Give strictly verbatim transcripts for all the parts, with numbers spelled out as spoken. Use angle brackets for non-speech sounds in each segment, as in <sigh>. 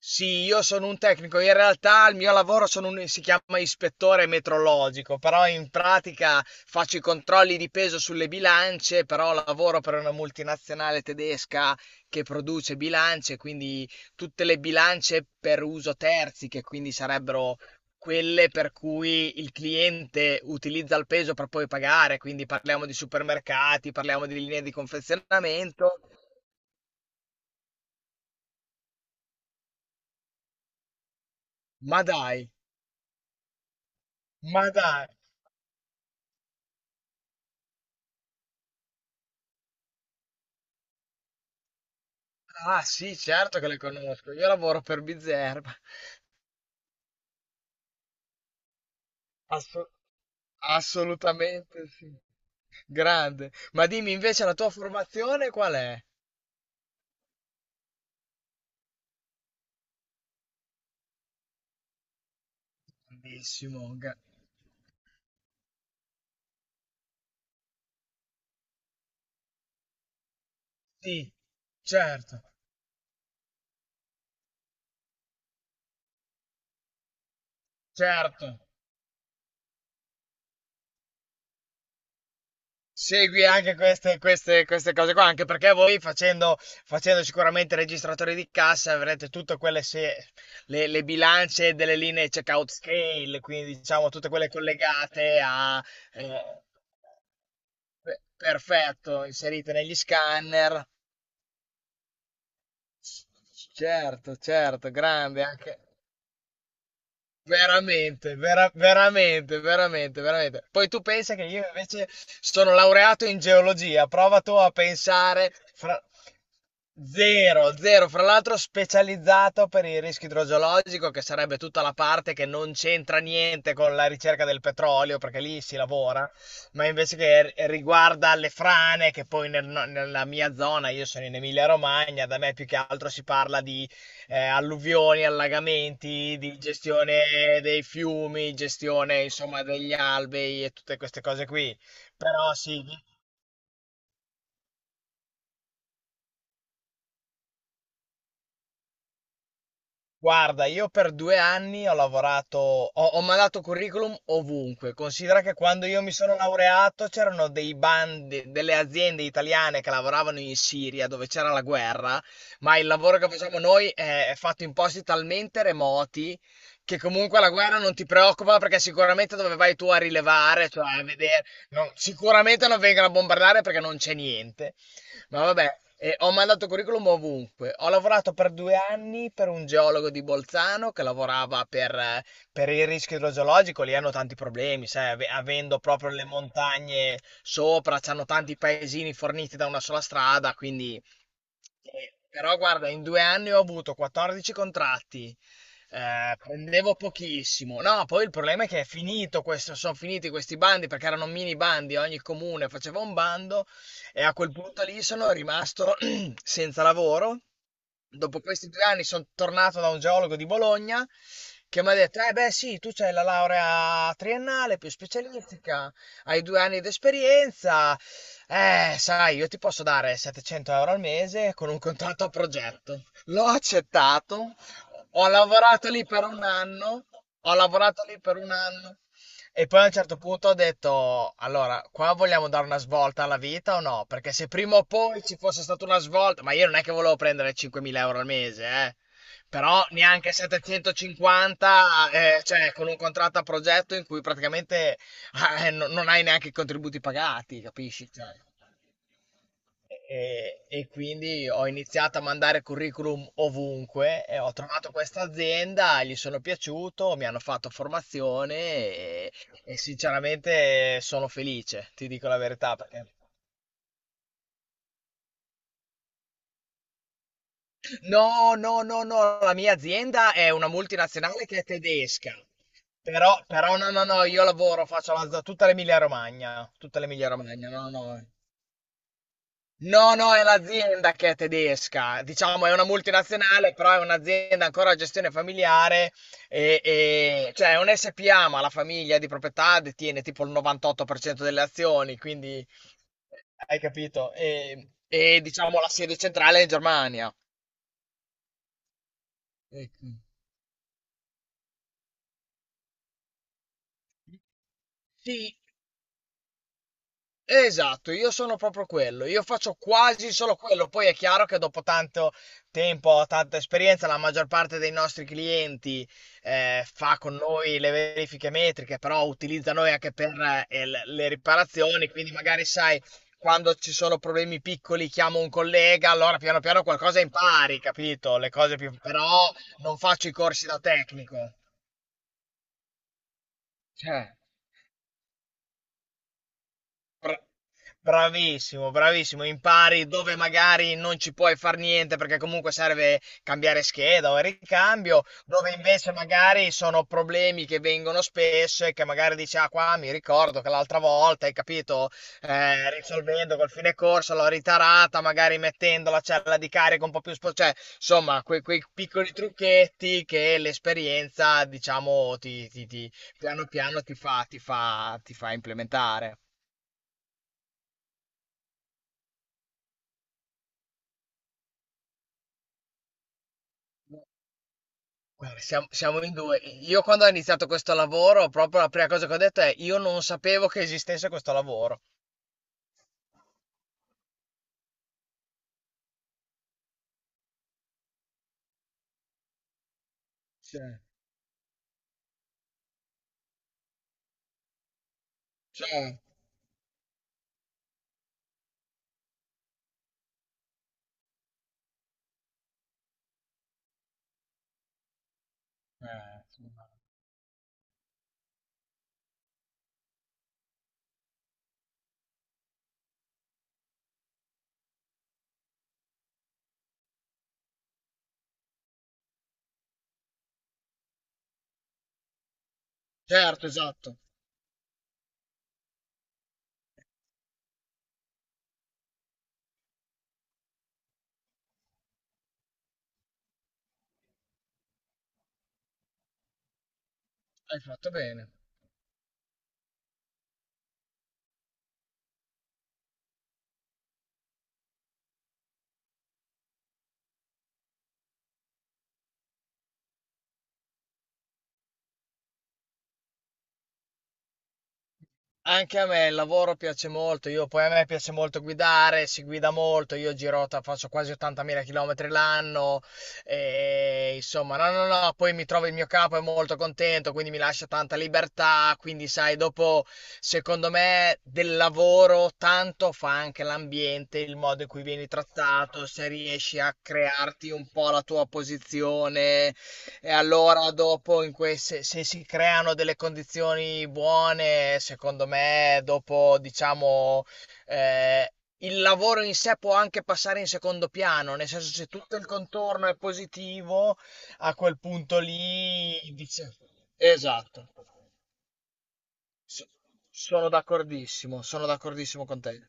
Sì, io sono un tecnico, in realtà il mio lavoro sono un- si chiama ispettore metrologico, però in pratica faccio i controlli di peso sulle bilance, però lavoro per una multinazionale tedesca che produce bilance, quindi tutte le bilance per uso terzi, che quindi sarebbero quelle per cui il cliente utilizza il peso per poi pagare, quindi parliamo di supermercati, parliamo di linee di confezionamento, ma dai, ma dai. Ah, sì, certo che le conosco. Io lavoro per Bizerba. Assu- Assolutamente sì. Grande. Ma dimmi invece la tua formazione qual è? Grandissimo. Gra- sì, certo, certo. Segui anche queste, queste- queste cose qua, anche perché voi facendo, facendo sicuramente registratori di cassa avrete tutte quelle se- le, le bilance delle linee checkout scale, quindi diciamo tutte quelle collegate a... eh, Pe- perfetto, inserite negli scanner. Certo, certo, grande anche. Veramente, vera- veramente, veramente, veramente. Poi tu pensa che io invece sono laureato in geologia, prova tu a pensare, fra- zero, zero, fra l'altro specializzato per il rischio idrogeologico, che sarebbe tutta la parte che non c'entra niente con la ricerca del petrolio, perché lì si lavora, ma invece che r- riguarda le frane, che poi nel- no- nella mia zona, io sono in Emilia-Romagna, da me più che altro si parla di eh, alluvioni, allagamenti, di gestione dei fiumi, gestione insomma degli alvei e tutte queste cose qui. Però sì, guarda, io per due anni ho lavorato, ho, ho mandato curriculum ovunque. Considera che quando io mi sono laureato c'erano dei bandi, delle aziende italiane che lavoravano in Siria dove c'era la guerra, ma il lavoro che facciamo noi è, è fatto in posti talmente remoti che comunque la guerra non ti preoccupa perché sicuramente dove vai tu a rilevare, cioè a vedere, non- sicuramente non vengono a bombardare perché non c'è niente. Ma vabbè, eh, ho mandato curriculum ovunque. Ho lavorato per due anni per un geologo di Bolzano che lavorava per, eh, per il rischio idrogeologico. Lì hanno tanti problemi, sai, ave- avendo proprio le montagne sopra, c'hanno tanti paesini forniti da una sola strada, quindi eh, però guarda, in due anni ho avuto quattordici contratti, eh, prendevo pochissimo. No, poi il problema è che è finito questo, sono finiti questi bandi perché erano mini bandi, ogni comune faceva un bando e a quel punto lì sono rimasto <clears throat> senza lavoro. Dopo questi due anni sono tornato da un geologo di Bologna che mi ha detto: Eh, beh, sì, tu c'hai la laurea triennale più specialistica, hai due anni di esperienza. Eh, sai, io ti posso dare settecento euro al mese con un contratto a progetto. L'ho accettato, ho lavorato lì per un anno. Ho lavorato lì per un anno. E poi a un certo punto ho detto: Allora, qua vogliamo dare una svolta alla vita o no? Perché se prima o poi ci fosse stata una svolta, ma io non è che volevo prendere cinquemila euro al mese, eh. Però neanche settecentocinquanta, eh, cioè con un contratto a progetto in cui praticamente eh, non non hai neanche i contributi pagati, capisci? Cioè. E, e quindi ho iniziato a mandare curriculum ovunque e ho trovato questa azienda, gli sono piaciuto, mi hanno fatto formazione e, e sinceramente sono felice, ti dico la verità. Perché... No, no, no, no, la mia azienda è una multinazionale che è tedesca, però, però no, no, no, io lavoro, faccio la, tutta l'Emilia Romagna, tutta l'Emilia Romagna, no, no. No, no, è l'azienda che è tedesca, diciamo è una multinazionale, però è un'azienda ancora a gestione familiare, e, e- cioè è un S P A, ma la famiglia di proprietà detiene tipo il novantotto per cento delle azioni, quindi eh, hai capito? E, e, diciamo la sede centrale è in Germania. Ecco. Sì, esatto, io sono proprio quello, io faccio quasi solo quello, poi è chiaro che dopo tanto tempo, tanta esperienza, la maggior parte dei nostri clienti eh, fa con noi le verifiche metriche, però utilizza noi anche per eh, il- le riparazioni, quindi magari sai, quando ci sono problemi piccoli chiamo un collega, allora piano piano qualcosa impari, capito? Le cose più... però non faccio i corsi da tecnico. Cioè. Bra Bravissimo, bravissimo. Impari dove magari non ci puoi far niente perché comunque serve cambiare scheda o il ricambio, dove invece magari sono problemi che vengono spesso e che magari dici, ah qua mi ricordo che l'altra volta, hai capito, eh, risolvendo col fine corso l'ho ritarata, magari mettendo la cella di carico un po' più spo- cioè, insomma, que- quei piccoli trucchetti che l'esperienza, diciamo, ti, ti- ti- piano piano ti fa, ti fa, ti fa implementare. Guarda, siamo, siamo in due. Io quando ho iniziato questo lavoro, proprio la prima cosa che ho detto è io non sapevo che esistesse questo lavoro. Cioè, Cioè, eh, sì. Certo, esatto. Hai fatto bene. Anche a me il lavoro piace molto, io poi a me piace molto guidare, si guida molto, io giro, ta- faccio quasi ottantamila km l'anno, e insomma, no, no, no, poi mi trovo il mio capo, è molto contento, quindi mi lascia tanta libertà, quindi sai, dopo, secondo me, del lavoro tanto fa anche l'ambiente, il modo in cui vieni trattato, se riesci a crearti un po' la tua posizione, e allora dopo in que- se, se si creano delle condizioni buone, secondo me, dopo diciamo eh, il lavoro in sé può anche passare in secondo piano, nel senso se tutto il contorno è positivo, a quel punto lì dice... Esatto. So- Sono d'accordissimo, sono d'accordissimo con te.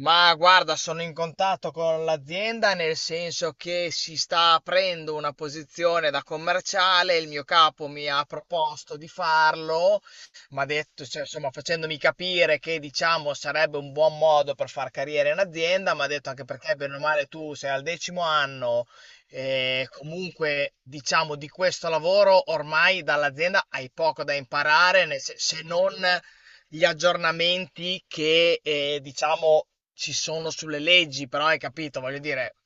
Ma guarda, sono in contatto con l'azienda nel senso che si sta aprendo una posizione da commerciale, il mio capo mi ha proposto di farlo, mi ha detto, cioè, insomma, facendomi capire che diciamo sarebbe un buon modo per far carriera in azienda, mi ha detto anche perché bene o male tu sei al decimo anno e comunque diciamo di questo lavoro ormai dall'azienda hai poco da imparare, nel sen- se non gli aggiornamenti che eh, diciamo ci sono sulle leggi, però hai capito, voglio dire,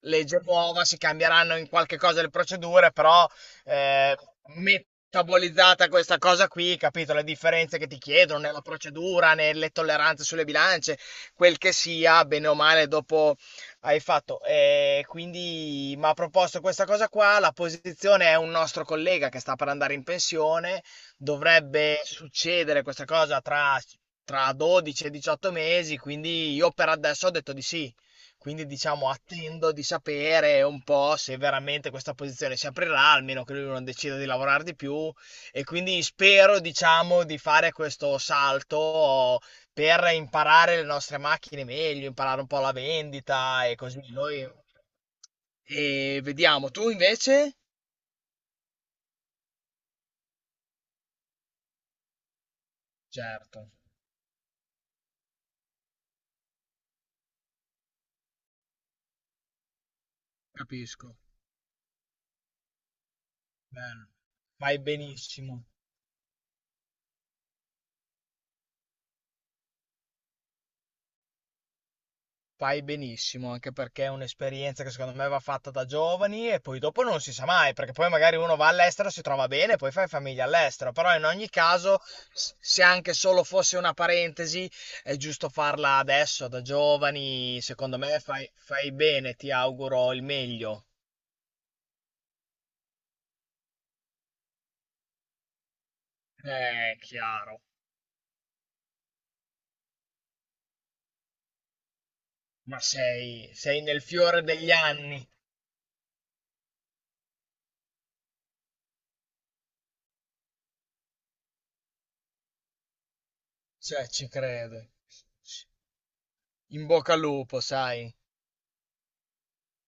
legge nuova, si cambieranno in qualche cosa le procedure, però eh, metabolizzata questa cosa qui, capito? Le differenze che ti chiedono nella procedura, nelle tolleranze sulle bilance, quel che sia, bene o male, dopo hai fatto. E quindi mi ha proposto questa cosa qua, la posizione è un nostro collega che sta per andare in pensione, dovrebbe succedere questa cosa tra... Tra dodici e diciotto mesi, quindi io per adesso ho detto di sì. Quindi diciamo attendo di sapere un po' se veramente questa posizione si aprirà, almeno che lui non decida di lavorare di più e quindi spero diciamo di fare questo salto per imparare le nostre macchine meglio, imparare un po' la vendita e così noi e vediamo. Tu invece? Certo, capisco. Bello. Fai benissimo. Fai benissimo, anche perché è un'esperienza che secondo me va fatta da giovani e poi dopo non si sa mai, perché poi magari uno va all'estero, si trova bene, poi fai famiglia all'estero, però in ogni caso, s- se anche solo fosse una parentesi, è giusto farla adesso, da giovani, secondo me fai, fai, bene, ti auguro il meglio. Eh, chiaro, ma sei, sei nel fiore degli anni, cioè ci credo. In bocca al lupo, sai.